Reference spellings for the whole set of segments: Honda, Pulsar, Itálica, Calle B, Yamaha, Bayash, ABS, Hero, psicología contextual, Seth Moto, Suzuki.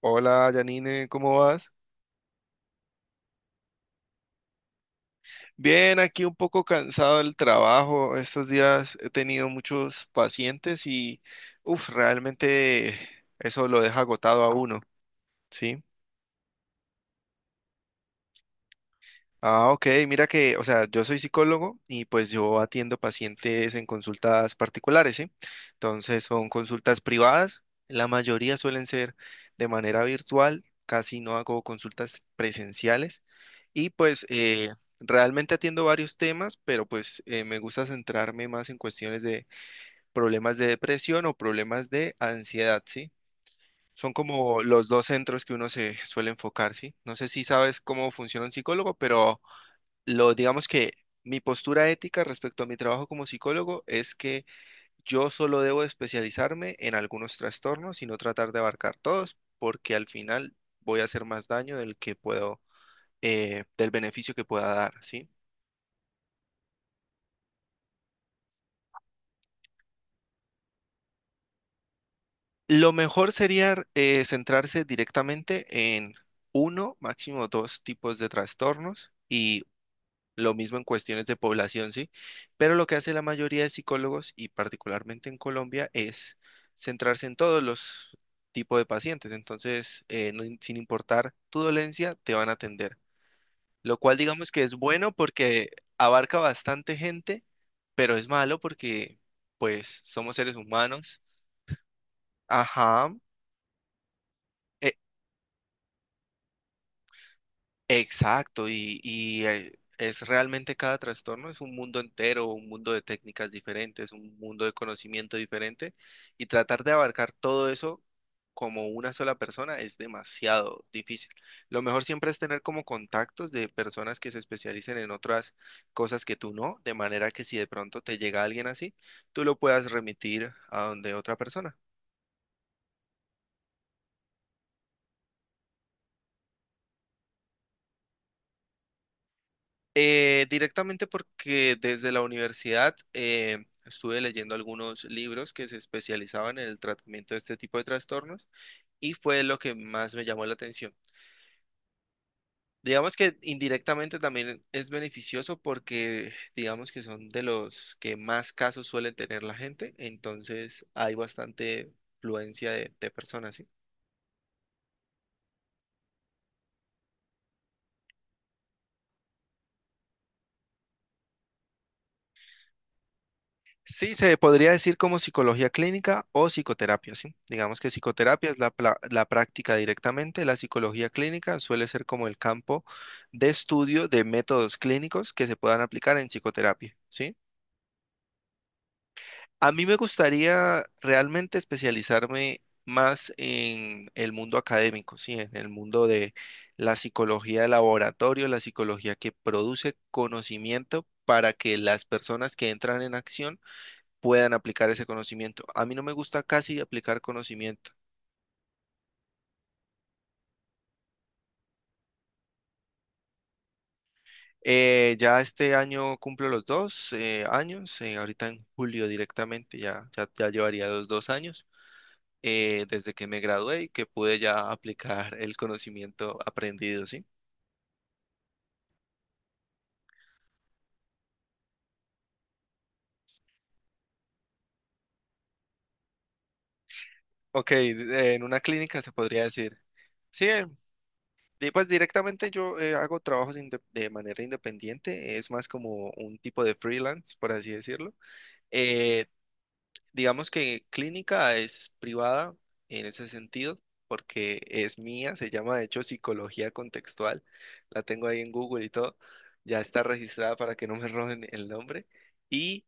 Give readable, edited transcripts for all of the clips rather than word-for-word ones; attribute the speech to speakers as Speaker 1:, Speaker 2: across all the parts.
Speaker 1: Hola, Janine, ¿cómo vas? Bien, aquí un poco cansado del trabajo. Estos días he tenido muchos pacientes y, uff, realmente eso lo deja agotado a uno, ¿sí? Ah, ok, mira que, o sea, yo soy psicólogo y pues yo atiendo pacientes en consultas particulares, ¿sí? Entonces son consultas privadas, la mayoría suelen ser de manera virtual, casi no hago consultas presenciales y pues realmente atiendo varios temas, pero pues me gusta centrarme más en cuestiones de problemas de depresión o problemas de ansiedad, ¿sí? Son como los dos centros que uno se suele enfocar, ¿sí? No sé si sabes cómo funciona un psicólogo, pero lo digamos que mi postura ética respecto a mi trabajo como psicólogo es que yo solo debo especializarme en algunos trastornos y no tratar de abarcar todos, porque al final voy a hacer más daño del que puedo, del beneficio que pueda dar, ¿sí? Lo mejor sería centrarse directamente en uno, máximo dos tipos de trastornos y lo mismo en cuestiones de población, ¿sí? Pero lo que hace la mayoría de psicólogos, y particularmente en Colombia, es centrarse en todos los tipos de pacientes. Entonces, sin importar tu dolencia, te van a atender. Lo cual digamos que es bueno porque abarca bastante gente, pero es malo porque, pues, somos seres humanos. Ajá. E- Exacto, y es realmente cada trastorno es un mundo entero, un mundo de técnicas diferentes, un mundo de conocimiento diferente, y tratar de abarcar todo eso como una sola persona es demasiado difícil. Lo mejor siempre es tener como contactos de personas que se especialicen en otras cosas que tú no, de manera que si de pronto te llega alguien así, tú lo puedas remitir a donde otra persona. Directamente porque desde la universidad estuve leyendo algunos libros que se especializaban en el tratamiento de este tipo de trastornos y fue lo que más me llamó la atención. Digamos que indirectamente también es beneficioso porque digamos que son de los que más casos suelen tener la gente, entonces hay bastante fluencia de personas, ¿sí? Sí, se podría decir como psicología clínica o psicoterapia, ¿sí? Digamos que psicoterapia es la práctica directamente, la psicología clínica suele ser como el campo de estudio de métodos clínicos que se puedan aplicar en psicoterapia, ¿sí? A mí me gustaría realmente especializarme más en el mundo académico, ¿sí? En el mundo de la psicología de laboratorio, la psicología que produce conocimiento para que las personas que entran en acción puedan aplicar ese conocimiento. A mí no me gusta casi aplicar conocimiento. Ya este año cumplo los dos años, ahorita en julio directamente, ya llevaría los dos años desde que me gradué y que pude ya aplicar el conocimiento aprendido, ¿sí? Ok, en una clínica se podría decir. Sí, pues directamente yo hago trabajos de manera independiente, es más como un tipo de freelance, por así decirlo. Eh, Digamos que clínica es privada en ese sentido, porque es mía, se llama de hecho psicología contextual, la tengo ahí en Google y todo, ya está registrada para que no me roben el nombre. Y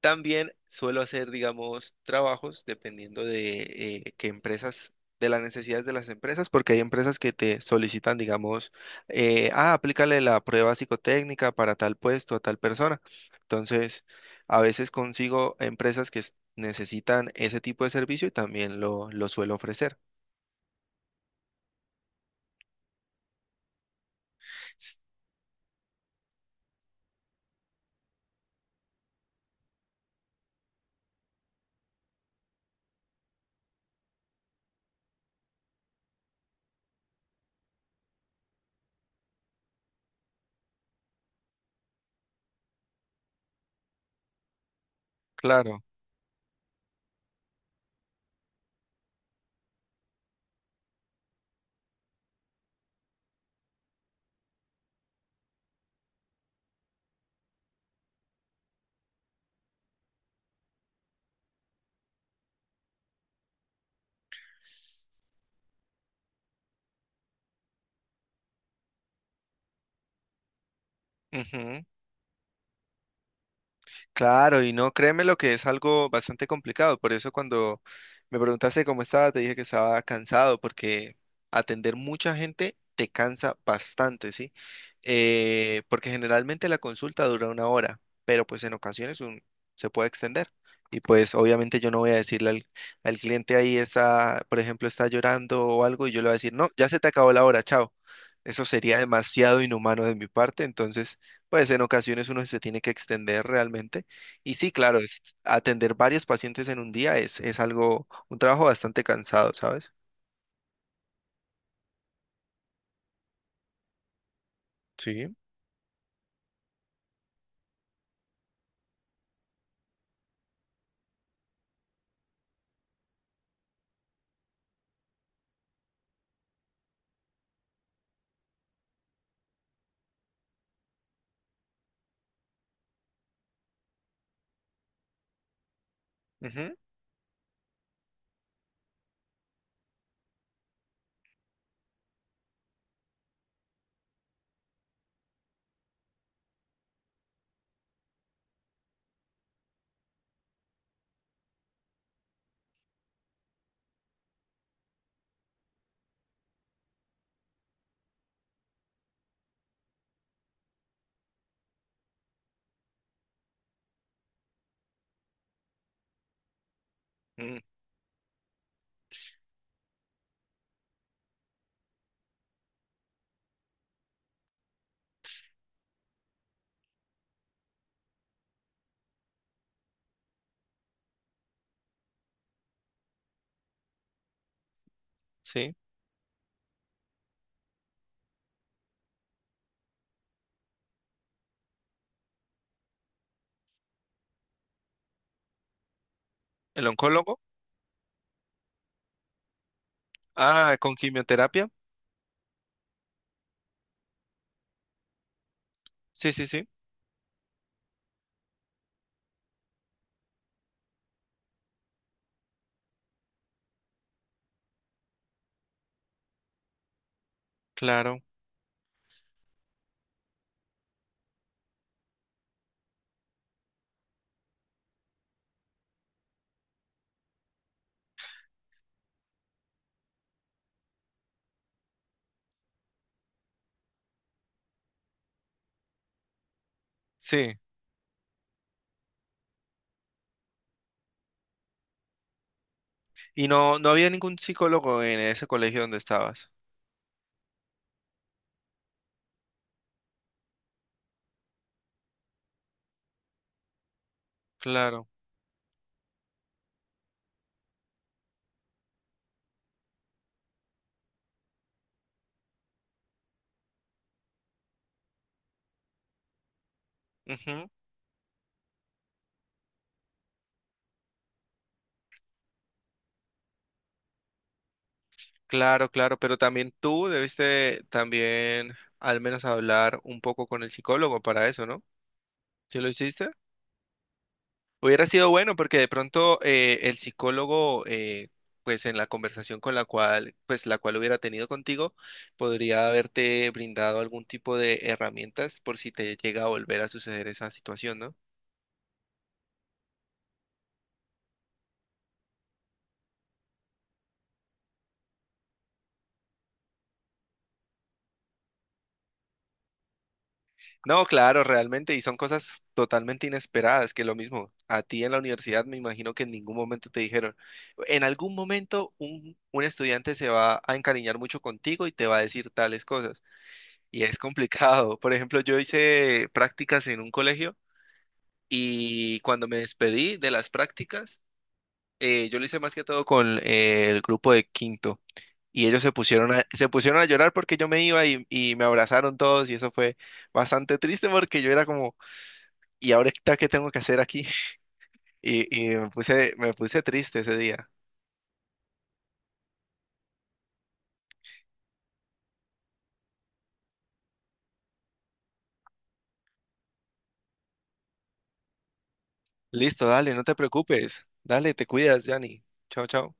Speaker 1: también suelo hacer, digamos, trabajos dependiendo de qué empresas, de las necesidades de las empresas, porque hay empresas que te solicitan, digamos, aplícale la prueba psicotécnica para tal puesto, a tal persona. Entonces, a veces consigo empresas que necesitan ese tipo de servicio y también lo suelo ofrecer. S- Claro. Ujú. Claro, y no, créeme lo que es algo bastante complicado. Por eso cuando me preguntaste cómo estaba, te dije que estaba cansado, porque atender mucha gente te cansa bastante, ¿sí? Porque generalmente la consulta dura una hora, pero pues en ocasiones se puede extender. Y pues obviamente yo no voy a decirle al cliente ahí está, por ejemplo, está llorando o algo, y yo le voy a decir, no, ya se te acabó la hora, chao. Eso sería demasiado inhumano de mi parte, entonces, pues en ocasiones uno se tiene que extender realmente y sí, claro, atender varios pacientes en un día es algo, un trabajo bastante cansado, ¿sabes? Sí. Ujú, mm, sí. ¿El oncólogo? Ah, con quimioterapia. Sí, sí, sí. Claro. Sí. Y no, no había ningún psicólogo en ese colegio donde estabas. Claro. Ujú. Claro, claro. Pero también tú debiste también al menos hablar un poco con el psicólogo para eso, ¿no? ¿Sí lo hiciste? Hubiera sido bueno porque de pronto el psicólogo, pues en la conversación con la cual, pues la cual hubiera tenido contigo, podría haberte brindado algún tipo de herramientas por si te llega a volver a suceder esa situación, ¿no? No, claro, realmente, y son cosas totalmente inesperadas, que lo mismo, a ti en la universidad me imagino que en ningún momento te dijeron, en algún momento un estudiante se va a encariñar mucho contigo y te va a decir tales cosas. Y es complicado. Por ejemplo, yo hice prácticas en un colegio. Y cuando me despedí de las prácticas, yo lo hice más que todo con el grupo de quinto. Y ellos se pusieron a llorar porque yo me iba y me abrazaron todos y eso fue bastante triste porque yo era como, ¿y ahorita qué tengo que hacer aquí? Y me puse triste ese día. Listo, dale, no te preocupes. Dale, te cuidas, Yanni. Chao, chao.